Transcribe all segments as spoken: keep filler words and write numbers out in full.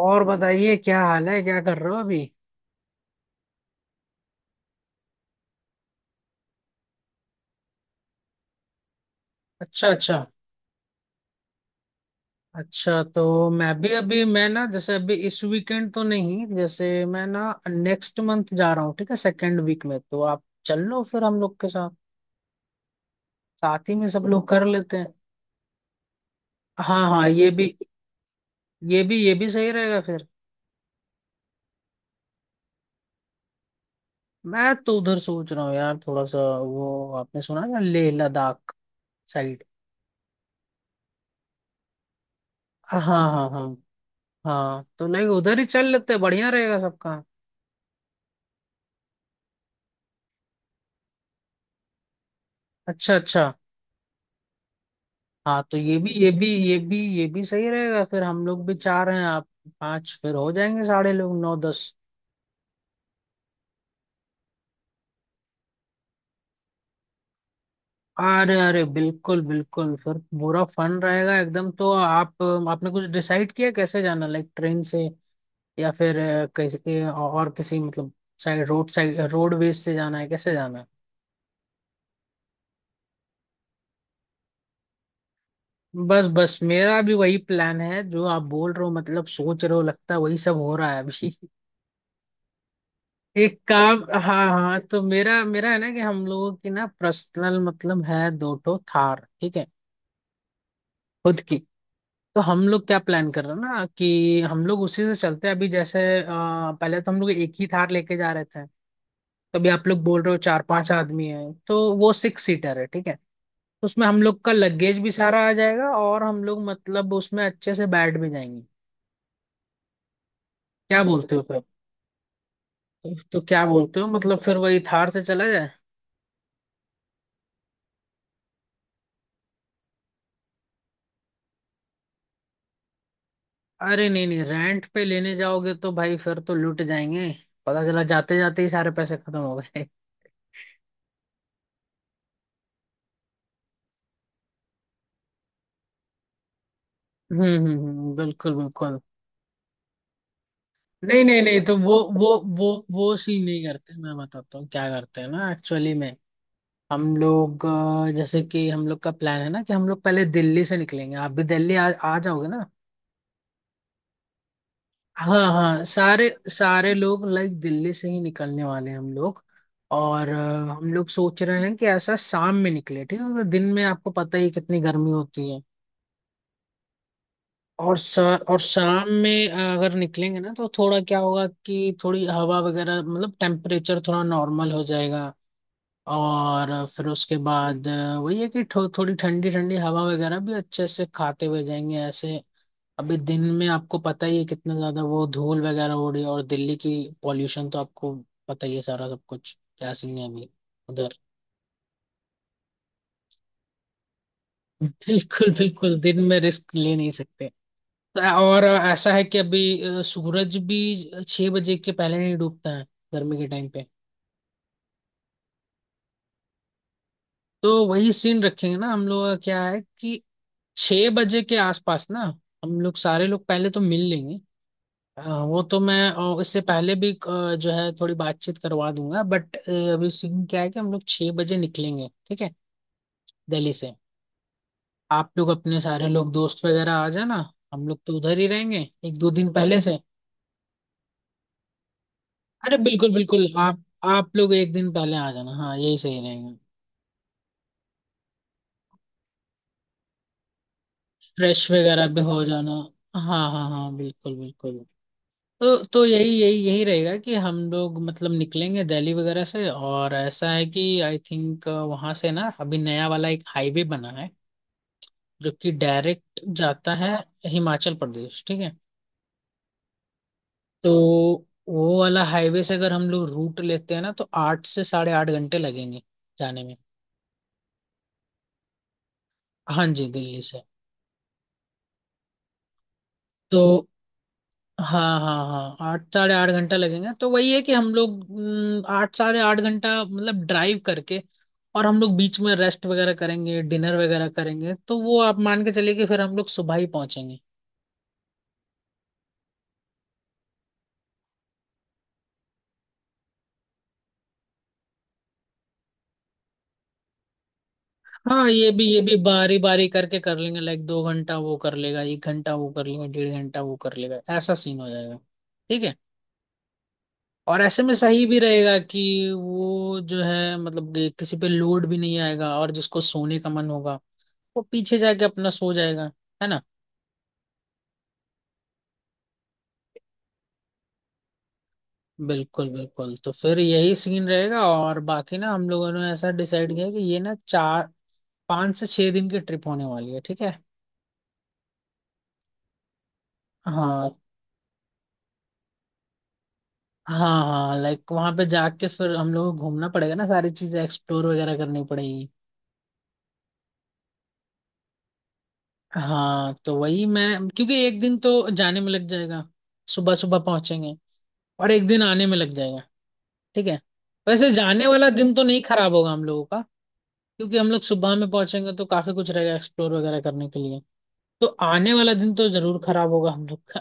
और बताइए क्या हाल है? क्या कर रहे हो अभी? अच्छा, अच्छा। अच्छा, तो मैं भी अभी मैं ना, जैसे अभी इस वीकेंड तो नहीं, जैसे मैं ना नेक्स्ट मंथ जा रहा हूँ, ठीक है, सेकेंड वीक में तो आप चल लो फिर हम लोग के साथ। साथ ही में सब लोग कर लेते हैं। हाँ हाँ, ये भी ये भी ये भी सही रहेगा फिर। मैं तो उधर सोच रहा हूँ यार, थोड़ा सा वो, आपने सुना है ना, लेह लद्दाख साइड। हाँ, हाँ हाँ हाँ, तो लाइक उधर ही चल लेते हैं, बढ़िया रहेगा सबका। अच्छा अच्छा। हाँ तो ये भी ये भी ये भी ये भी सही रहेगा फिर, हम लोग भी चार हैं, आप पांच, फिर हो जाएंगे साढ़े लोग नौ दस। अरे अरे बिल्कुल बिल्कुल, फिर पूरा फन रहेगा एकदम। तो आप, आपने कुछ डिसाइड किया कैसे जाना? लाइक ट्रेन से या फिर अ, कैसे और किसी, मतलब साइड रोड, साइड रोडवेज से जाना है, कैसे जाना है? बस बस, मेरा भी वही प्लान है जो आप बोल रहे हो, मतलब सोच रहे हो, लगता है वही सब हो रहा है अभी। एक काम, हाँ हाँ, तो मेरा मेरा है ना कि हम लोगों की ना पर्सनल मतलब है, दो ठो थार, ठीक है, खुद की। तो हम लोग क्या प्लान कर रहे हैं ना, कि हम लोग उसी से चलते हैं अभी, जैसे अ, पहले तो हम लोग एक ही थार लेके जा रहे थे, तो अभी आप लोग बोल रहे हो चार पांच आदमी हैं, तो वो सिक्स सीटर है, ठीक है। तो उसमें हम लोग का लगेज भी सारा आ जाएगा, और हम लोग मतलब उसमें अच्छे से बैठ भी जाएंगे। क्या बोलते हो फिर? तो, तो क्या बोलते हो, मतलब फिर वही थार से चला जाए? अरे नहीं नहीं, रेंट पे लेने जाओगे तो भाई फिर तो लूट जाएंगे, पता चला जाते जाते ही सारे पैसे खत्म हो गए हम्म हम्म हम्म, बिल्कुल बिल्कुल। नहीं नहीं नहीं, तो वो वो वो वो सीन नहीं करते, मैं बताता हूँ क्या करते हैं ना एक्चुअली में। हम लोग अ, जैसे कि हम लोग का प्लान है ना, कि हम लोग पहले दिल्ली से निकलेंगे, आप भी दिल्ली आ, आ जाओगे ना। हाँ हाँ, सारे सारे लोग लाइक दिल्ली से ही निकलने वाले हैं हम लोग। और अ, हम लोग सोच रहे हैं कि ऐसा शाम में निकले, ठीक है, क्योंकि दिन में आपको पता ही है कितनी गर्मी होती है। और सा, और शाम में अ, अगर निकलेंगे ना तो थोड़ा क्या होगा कि थोड़ी हवा वगैरह, मतलब टेम्परेचर थोड़ा नॉर्मल हो जाएगा। और फिर उसके बाद अ, वही है कि थो, थोड़ी ठंडी ठंडी हवा वगैरह भी अच्छे से खाते हुए जाएंगे ऐसे। अभी दिन में आपको पता ही है कितना ज्यादा वो धूल वगैरह हो रही है, और दिल्ली की पॉल्यूशन तो आपको पता ही है, सारा सब कुछ क्या सीन है अभी उधर। बिल्कुल बिल्कुल, दिन में रिस्क ले नहीं सकते। और ऐसा है कि अभी अ, सूरज भी छह बजे के पहले नहीं डूबता है, गर्मी के टाइम पे। तो वही सीन रखेंगे ना, हम लोग का क्या है कि छह बजे के आसपास ना हम लोग सारे लोग पहले तो मिल लेंगे। हाँ, वो तो मैं अ, इससे पहले भी अ, जो है थोड़ी बातचीत करवा दूंगा, बट अभी सीन क्या है कि हम लोग छह बजे निकलेंगे, ठीक है, दिल्ली से। आप लोग अपने सारे लोग दोस्त वगैरह आ जाना, हम लोग तो उधर ही रहेंगे एक दो दिन पहले से। अरे बिल्कुल बिल्कुल, आप आप लोग एक दिन पहले आ जाना, हाँ यही सही रहेगा, फ्रेश वगैरह भी हो जाना, हाँ हाँ हाँ बिल्कुल बिल्कुल। तो तो यही यही यही रहेगा कि हम लोग मतलब निकलेंगे दिल्ली वगैरह से, और ऐसा है कि आई थिंक वहां से ना अभी नया वाला एक हाईवे बना है, जो कि डायरेक्ट जाता है हिमाचल प्रदेश, ठीक है। तो वो वाला हाईवे से अगर हम लोग रूट लेते हैं ना तो आठ से साढ़े आठ घंटे लगेंगे जाने में। हाँ जी, दिल्ली से। तो, हाँ हाँ हाँ, आठ साढ़े आठ घंटा लगेगा, तो वही है कि हम लोग, हम्म, आठ साढ़े आठ घंटा मतलब ड्राइव करके, और हम लोग बीच में रेस्ट वगैरह करेंगे, डिनर वगैरह करेंगे, तो वो आप मान के चलिए कि फिर हम लोग सुबह ही पहुंचेंगे। हाँ ये भी ये भी बारी बारी करके कर लेंगे, लाइक दो घंटा वो कर लेगा, एक घंटा वो कर लेगा, डेढ़ घंटा वो कर लेगा, ऐसा सीन हो जाएगा, ठीक है। और ऐसे में सही भी रहेगा कि वो जो है मतलब कि किसी पे लोड भी नहीं आएगा, और जिसको सोने का मन होगा वो पीछे जाके अपना सो जाएगा, है ना। बिल्कुल बिल्कुल, तो फिर यही सीन रहेगा, और बाकी ना हम लोगों ने ऐसा डिसाइड किया कि ये ना चार पाँच से छह दिन की ट्रिप होने वाली है, ठीक है। हाँ हाँ हाँ, लाइक वहां पे जाके फिर हम लोगों को घूमना पड़ेगा ना, सारी चीजें एक्सप्लोर वगैरह करनी पड़ेगी। हाँ, तो वही, मैं, क्योंकि एक दिन तो जाने में लग जाएगा, सुबह सुबह पहुंचेंगे, और एक दिन आने में लग जाएगा, ठीक है। वैसे जाने वाला दिन तो नहीं खराब होगा हम लोगों का, क्योंकि हम लोग सुबह में पहुंचेंगे तो काफी कुछ रहेगा एक्सप्लोर वगैरह करने के लिए। तो आने वाला दिन तो जरूर खराब होगा हम लोग का,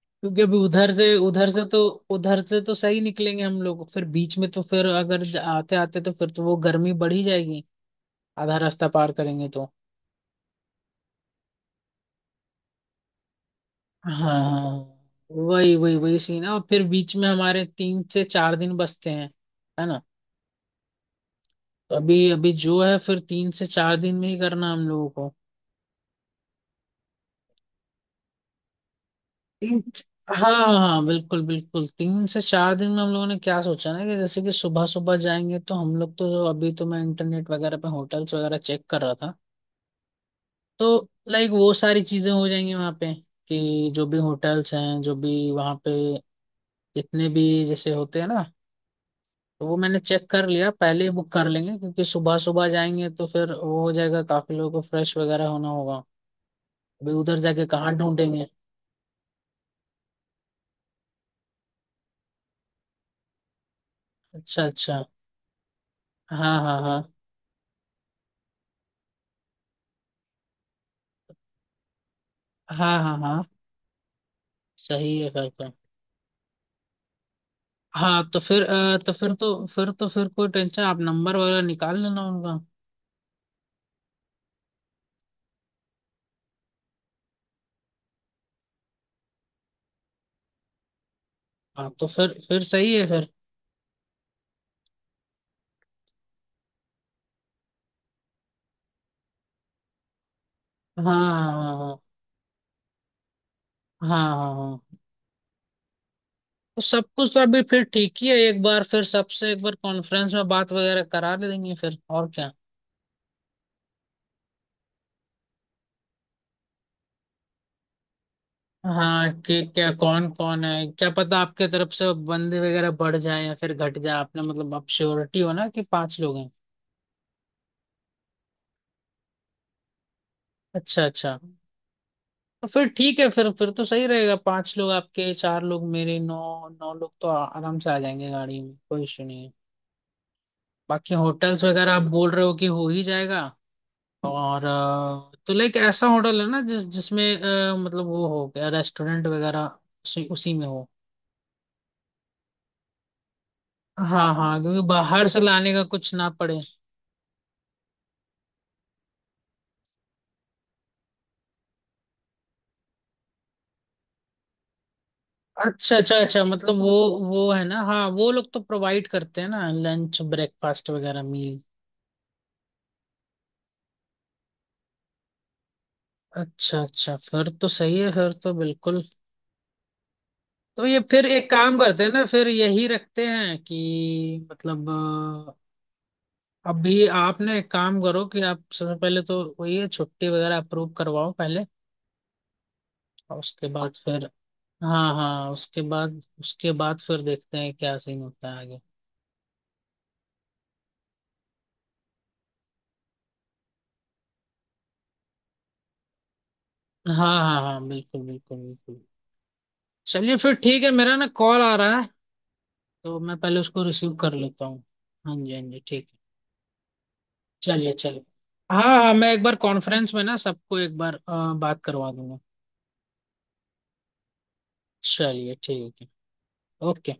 क्योंकि अभी उधर से, उधर से तो, उधर से तो सही निकलेंगे हम लोग, फिर बीच में तो फिर अगर आते आते तो फिर तो वो गर्मी बढ़ ही जाएगी, आधा रास्ता पार करेंगे तो। हाँ वही वही वही सीन है, और फिर बीच में हमारे तीन से चार दिन बचते हैं, है ना। तो अभी अभी जो है फिर तीन से चार दिन में ही करना है हम लोगों को। तीन, हाँ हाँ हाँ, बिल्कुल बिल्कुल तीन से चार दिन में हम लोगों ने क्या सोचा ना कि जैसे कि सुबह सुबह जाएंगे, तो हम लोग तो अभी तो मैं इंटरनेट वगैरह पे होटल्स वगैरह चेक कर रहा था। तो लाइक वो सारी चीजें हो जाएंगी वहाँ पे, कि जो भी होटल्स हैं जो भी वहाँ पे, जितने भी जैसे होते हैं ना, तो वो मैंने चेक कर लिया, पहले ही बुक कर लेंगे क्योंकि सुबह सुबह जाएंगे तो फिर वो हो जाएगा, काफी लोगों को फ्रेश वगैरह होना होगा। अभी उधर जाके कहाँ ढूंढेंगे। अच्छा अच्छा, हाँ हाँ हाँ हाँ हाँ हाँ, सही है फिर तो। हाँ तो फिर अ, तो फिर तो फिर तो फिर कोई टेंशन, आप नंबर वगैरह निकाल लेना उनका। हाँ तो फिर फिर सही है फिर। हाँ हाँ हाँ हाँ हाँ हाँ। तो सब कुछ तो अभी फिर ठीक ही है, एक बार फिर सबसे एक बार कॉन्फ्रेंस में बात वगैरह करा ले देंगे फिर, और क्या। हाँ, कि क्या कौन कौन है क्या पता, आपके तरफ से बंदे वगैरह बढ़ जाए या फिर घट जाए, आपने मतलब आप श्योरिटी हो ना कि पांच लोग हैं। अच्छा अच्छा, तो फिर ठीक है फिर, फिर तो सही रहेगा, पांच लोग आपके, चार लोग मेरे, नौ नौ लोग तो आ- आराम से आ जाएंगे गाड़ी में, कोई इशू नहीं है। बाकी होटल्स वगैरह आप बोल रहे हो कि हो ही जाएगा। और अ, तो लाइक ऐसा होटल है ना जिस जिसमें अ, मतलब वो हो गया रेस्टोरेंट वगैरह उसी, उसी में हो। हाँ हाँ, क्योंकि बाहर से लाने का कुछ ना पड़े। अच्छा अच्छा अच्छा, मतलब वो वो है ना, हाँ वो लोग तो प्रोवाइड करते हैं ना लंच, ब्रेकफास्ट वगैरह मील। अच्छा अच्छा, फिर तो सही है फिर, तो बिल्कुल। तो ये फिर एक काम करते हैं ना, फिर यही रखते हैं कि मतलब अ, अभी आपने एक काम करो कि आप सबसे पहले तो वही है छुट्टी वगैरह अप्रूव करवाओ पहले, और उसके बाद फिर। हाँ हाँ, उसके बाद उसके बाद फिर देखते हैं क्या सीन होता है आगे। हाँ हाँ हाँ बिल्कुल बिल्कुल बिल्कुल। चलिए फिर ठीक है, मेरा ना कॉल आ रहा है, तो मैं पहले उसको रिसीव कर लेता हूँ। हाँ जी हाँ जी ठीक है। चलिए चलिए, हाँ हाँ, मैं एक बार कॉन्फ्रेंस में ना सबको एक बार अ, बात करवा दूंगा। चलिए ठीक है। ओके।